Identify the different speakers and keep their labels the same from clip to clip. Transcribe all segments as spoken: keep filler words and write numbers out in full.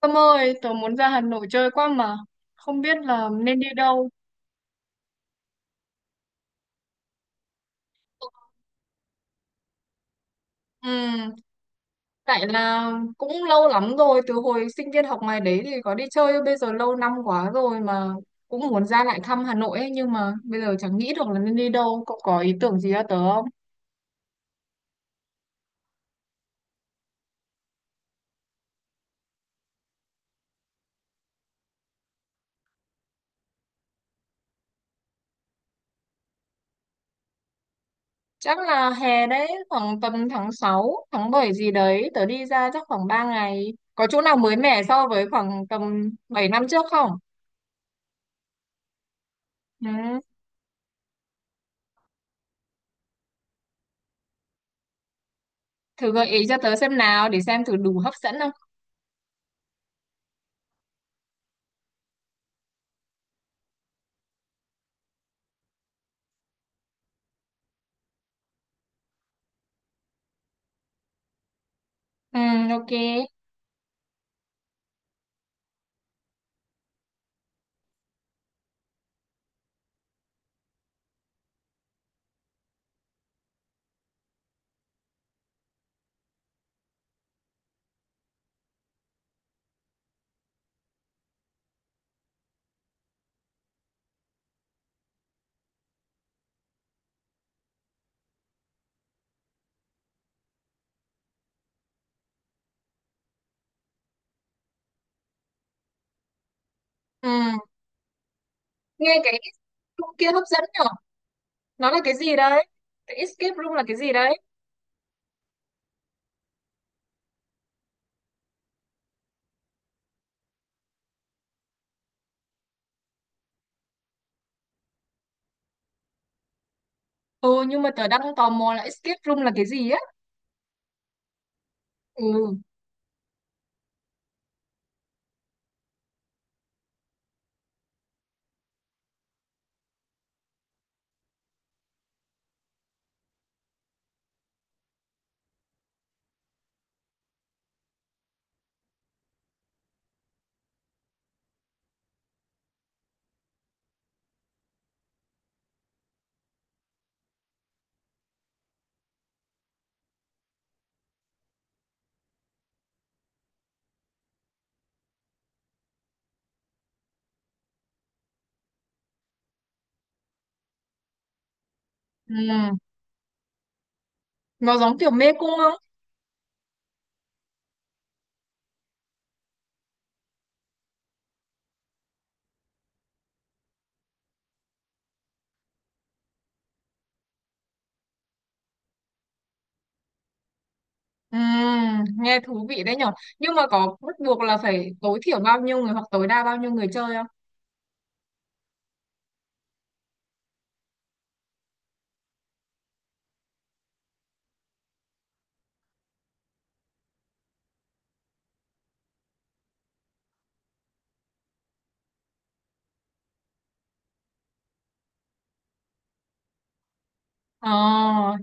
Speaker 1: Tâm ơi, tớ muốn ra Hà Nội chơi quá mà, không biết là nên đi đâu. Ừ, tại là cũng lâu lắm rồi, từ hồi sinh viên học ngoài đấy thì có đi chơi, bây giờ lâu năm quá rồi mà cũng muốn ra lại thăm Hà Nội ấy, nhưng mà bây giờ chẳng nghĩ được là nên đi đâu, cậu có ý tưởng gì cho tớ không? Chắc là hè đấy, khoảng tầm tháng sáu, tháng bảy gì đấy, tớ đi ra chắc khoảng ba ngày. Có chỗ nào mới mẻ so với khoảng tầm bảy năm trước không? Ừ, thử gợi ý cho tớ xem nào, để xem thử đủ hấp dẫn không. Ừ, ok. Ừ. Nghe cái room kia hấp dẫn nhở? Nó là cái gì đấy? Cái escape room là cái gì đấy? Ừ, nhưng mà tớ đang tò mò là escape room là cái gì á? Ừ. Ừ. Nó giống kiểu mê cung không? Ừ, nghe thú vị đấy nhở? Nhưng mà có bắt buộc là phải tối thiểu bao nhiêu người hoặc tối đa bao nhiêu người chơi không? Ờ,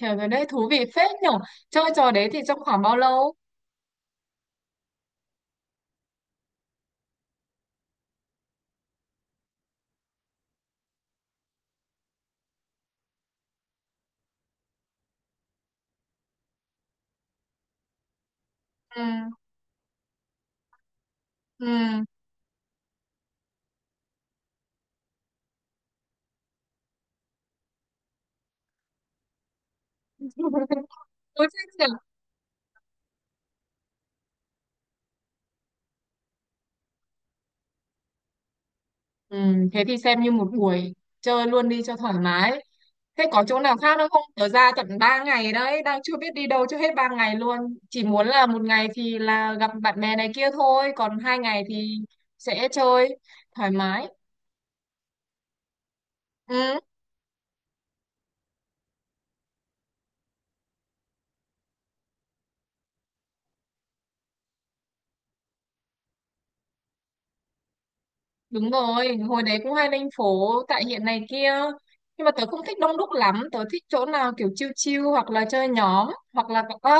Speaker 1: hiểu rồi đấy, thú vị phết nhở? Chơi trò đấy thì trong khoảng bao lâu? Ừ. Ừ. Ôi, phết nhở? Ừ, thế thì xem như một buổi chơi luôn đi cho thoải mái. Thế có chỗ nào khác nữa không? Tớ ra tận ba ngày đấy, đang chưa biết đi đâu cho hết ba ngày luôn. Chỉ muốn là một ngày thì là gặp bạn bè này kia thôi, còn hai ngày thì sẽ chơi thoải mái. Ừ, đúng rồi, hồi đấy cũng hay lên phố tại hiện này kia. Nhưng mà tớ không thích đông đúc lắm, tớ thích chỗ nào kiểu chill chill hoặc là chơi nhóm, hoặc là à,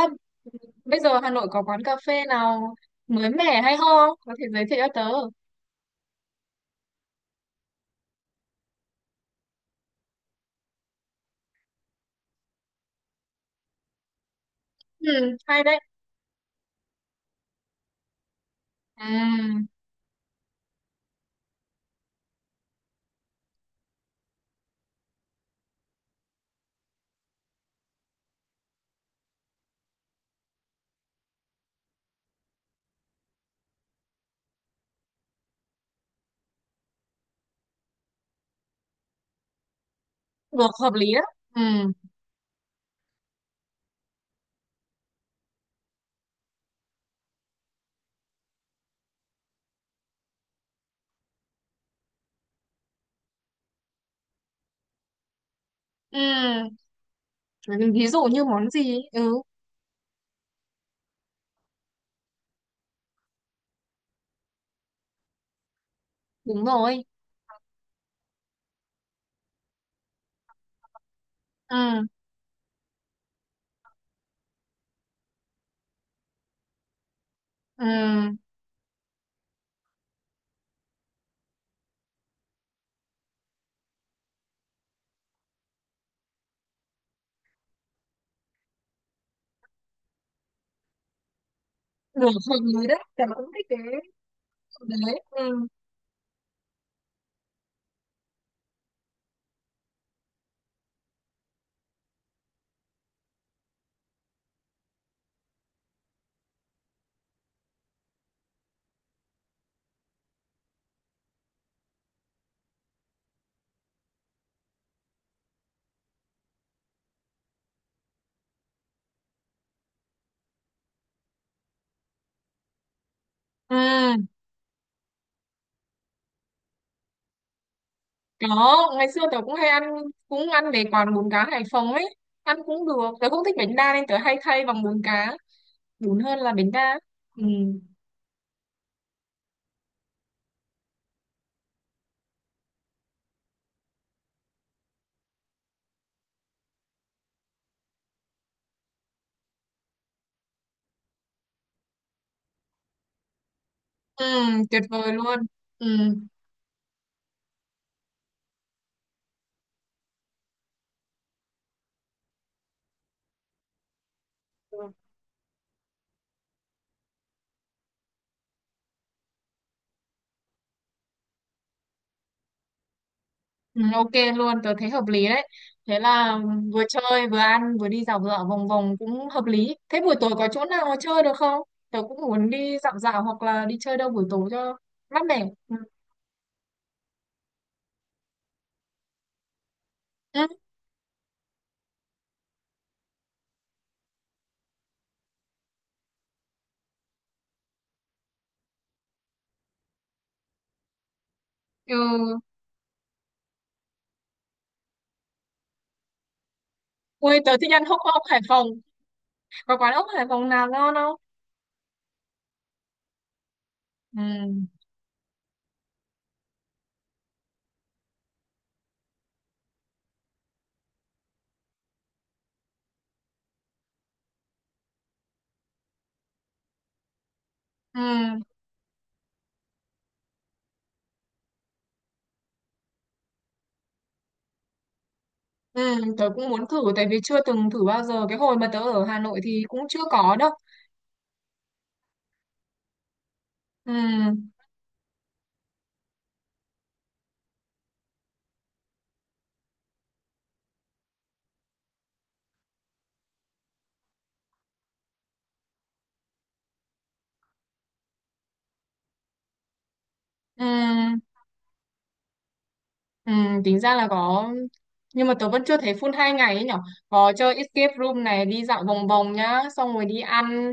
Speaker 1: bây giờ Hà Nội có quán cà phê nào mới mẻ hay ho, có thể giới thiệu cho tớ. Ừ, hay đấy. Ừ, được hợp lý đó. Ừ. Ừ, ví dụ như món gì ấy. Ừ, đúng rồi. Ừ. Ừ, lửa hợp rồi đấy, tớ cũng thích cái đấy. Ừ. Ừ. Có, ngày xưa tớ cũng hay ăn, cũng ăn mấy quán bún cá Hải Phòng ấy, ăn cũng được, tớ cũng thích bánh đa nên tớ hay thay bằng bún cá đúng hơn là bánh đa. Ừ. Ừ, tuyệt vời luôn. Ừ. Ừ, ok luôn, tớ thấy hợp lý đấy. Thế là vừa chơi, vừa ăn, vừa đi dạo dạo vòng vòng cũng hợp lý. Thế buổi tối có chỗ nào chơi được không? Tớ cũng muốn đi dạo dạo hoặc là đi chơi đâu buổi tối cho mát mẻ. Ừ. Ừ. Ừ. Ui, tớ thích ăn hốc ốc Hải Phòng. Có quán ốc Hải Phòng nào ngon không? Ừ. Ừ. Ừ. Tớ cũng muốn thử tại vì chưa từng thử bao giờ. Cái hồi mà tớ ở Hà Nội thì cũng chưa có đâu. Ừ. Ừ. Ừ, tính ra là có, nhưng mà tớ vẫn chưa thấy full hai ngày ấy nhở, có chơi escape room này, đi dạo vòng vòng nhá, xong rồi đi ăn,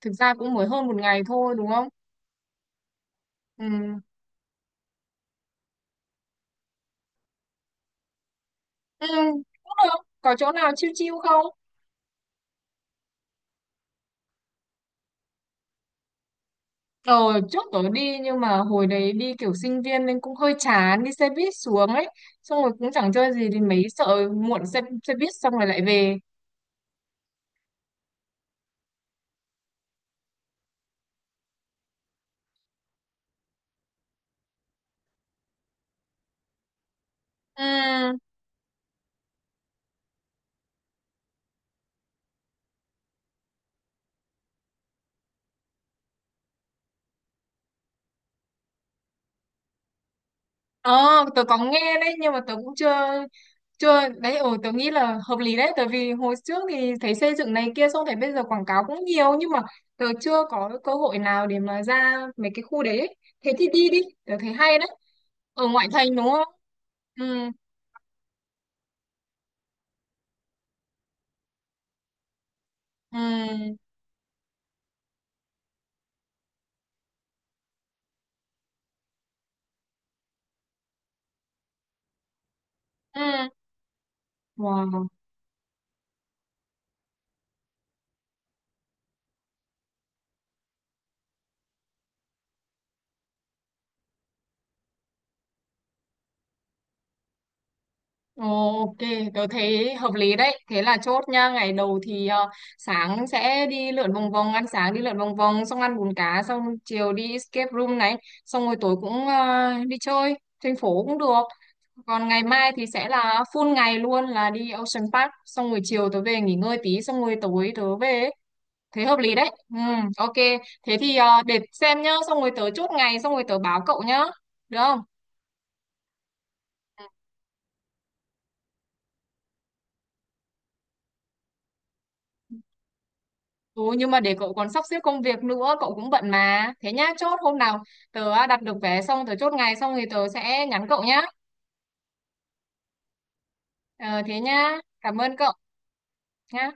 Speaker 1: thực ra cũng mới hơn một ngày thôi đúng không. Ừ. Ừ, cũng được, có chỗ nào chill chill không? Ờ, trước tớ đi nhưng mà hồi đấy đi kiểu sinh viên nên cũng hơi chán, đi xe buýt xuống ấy, xong rồi cũng chẳng chơi gì, thì mấy sợ muộn xe, xe buýt xong rồi lại về. Ừ. Ờ, tớ có nghe đấy, nhưng mà tớ cũng chưa. Chưa, đấy, ừ, tớ nghĩ là hợp lý đấy, tại vì hồi trước thì thấy xây dựng này kia, xong thấy bây giờ quảng cáo cũng nhiều, nhưng mà tớ chưa có cơ hội nào để mà ra mấy cái khu đấy ấy. Thế thì đi đi, tớ thấy hay đấy. Ở ngoại thành đúng không? Ừ, ừ, ừ. Wow. Ok, tôi thấy hợp lý đấy. Thế là chốt nha. Ngày đầu thì ờ, sáng sẽ đi lượn vòng vòng, ăn sáng đi lượn vòng vòng, xong ăn bún cá, xong chiều đi escape room này, xong rồi tối cũng ờ, đi chơi, thành phố cũng được. Còn ngày mai thì sẽ là full ngày luôn là đi Ocean Park, xong rồi chiều tớ về nghỉ ngơi tí, xong rồi tối tớ về ấy. Thế hợp lý đấy. Ừ, ok. Thế thì ờ, để xem nhá, xong rồi tớ chốt ngày, xong rồi tớ báo cậu nhá. Được không? Ừ, nhưng mà để cậu còn sắp xếp công việc nữa, cậu cũng bận mà, thế nhá, chốt hôm nào tớ à, đặt được vé xong tớ chốt ngày xong thì tớ sẽ nhắn cậu nhá. Ờ, thế nhá, cảm ơn cậu nhá.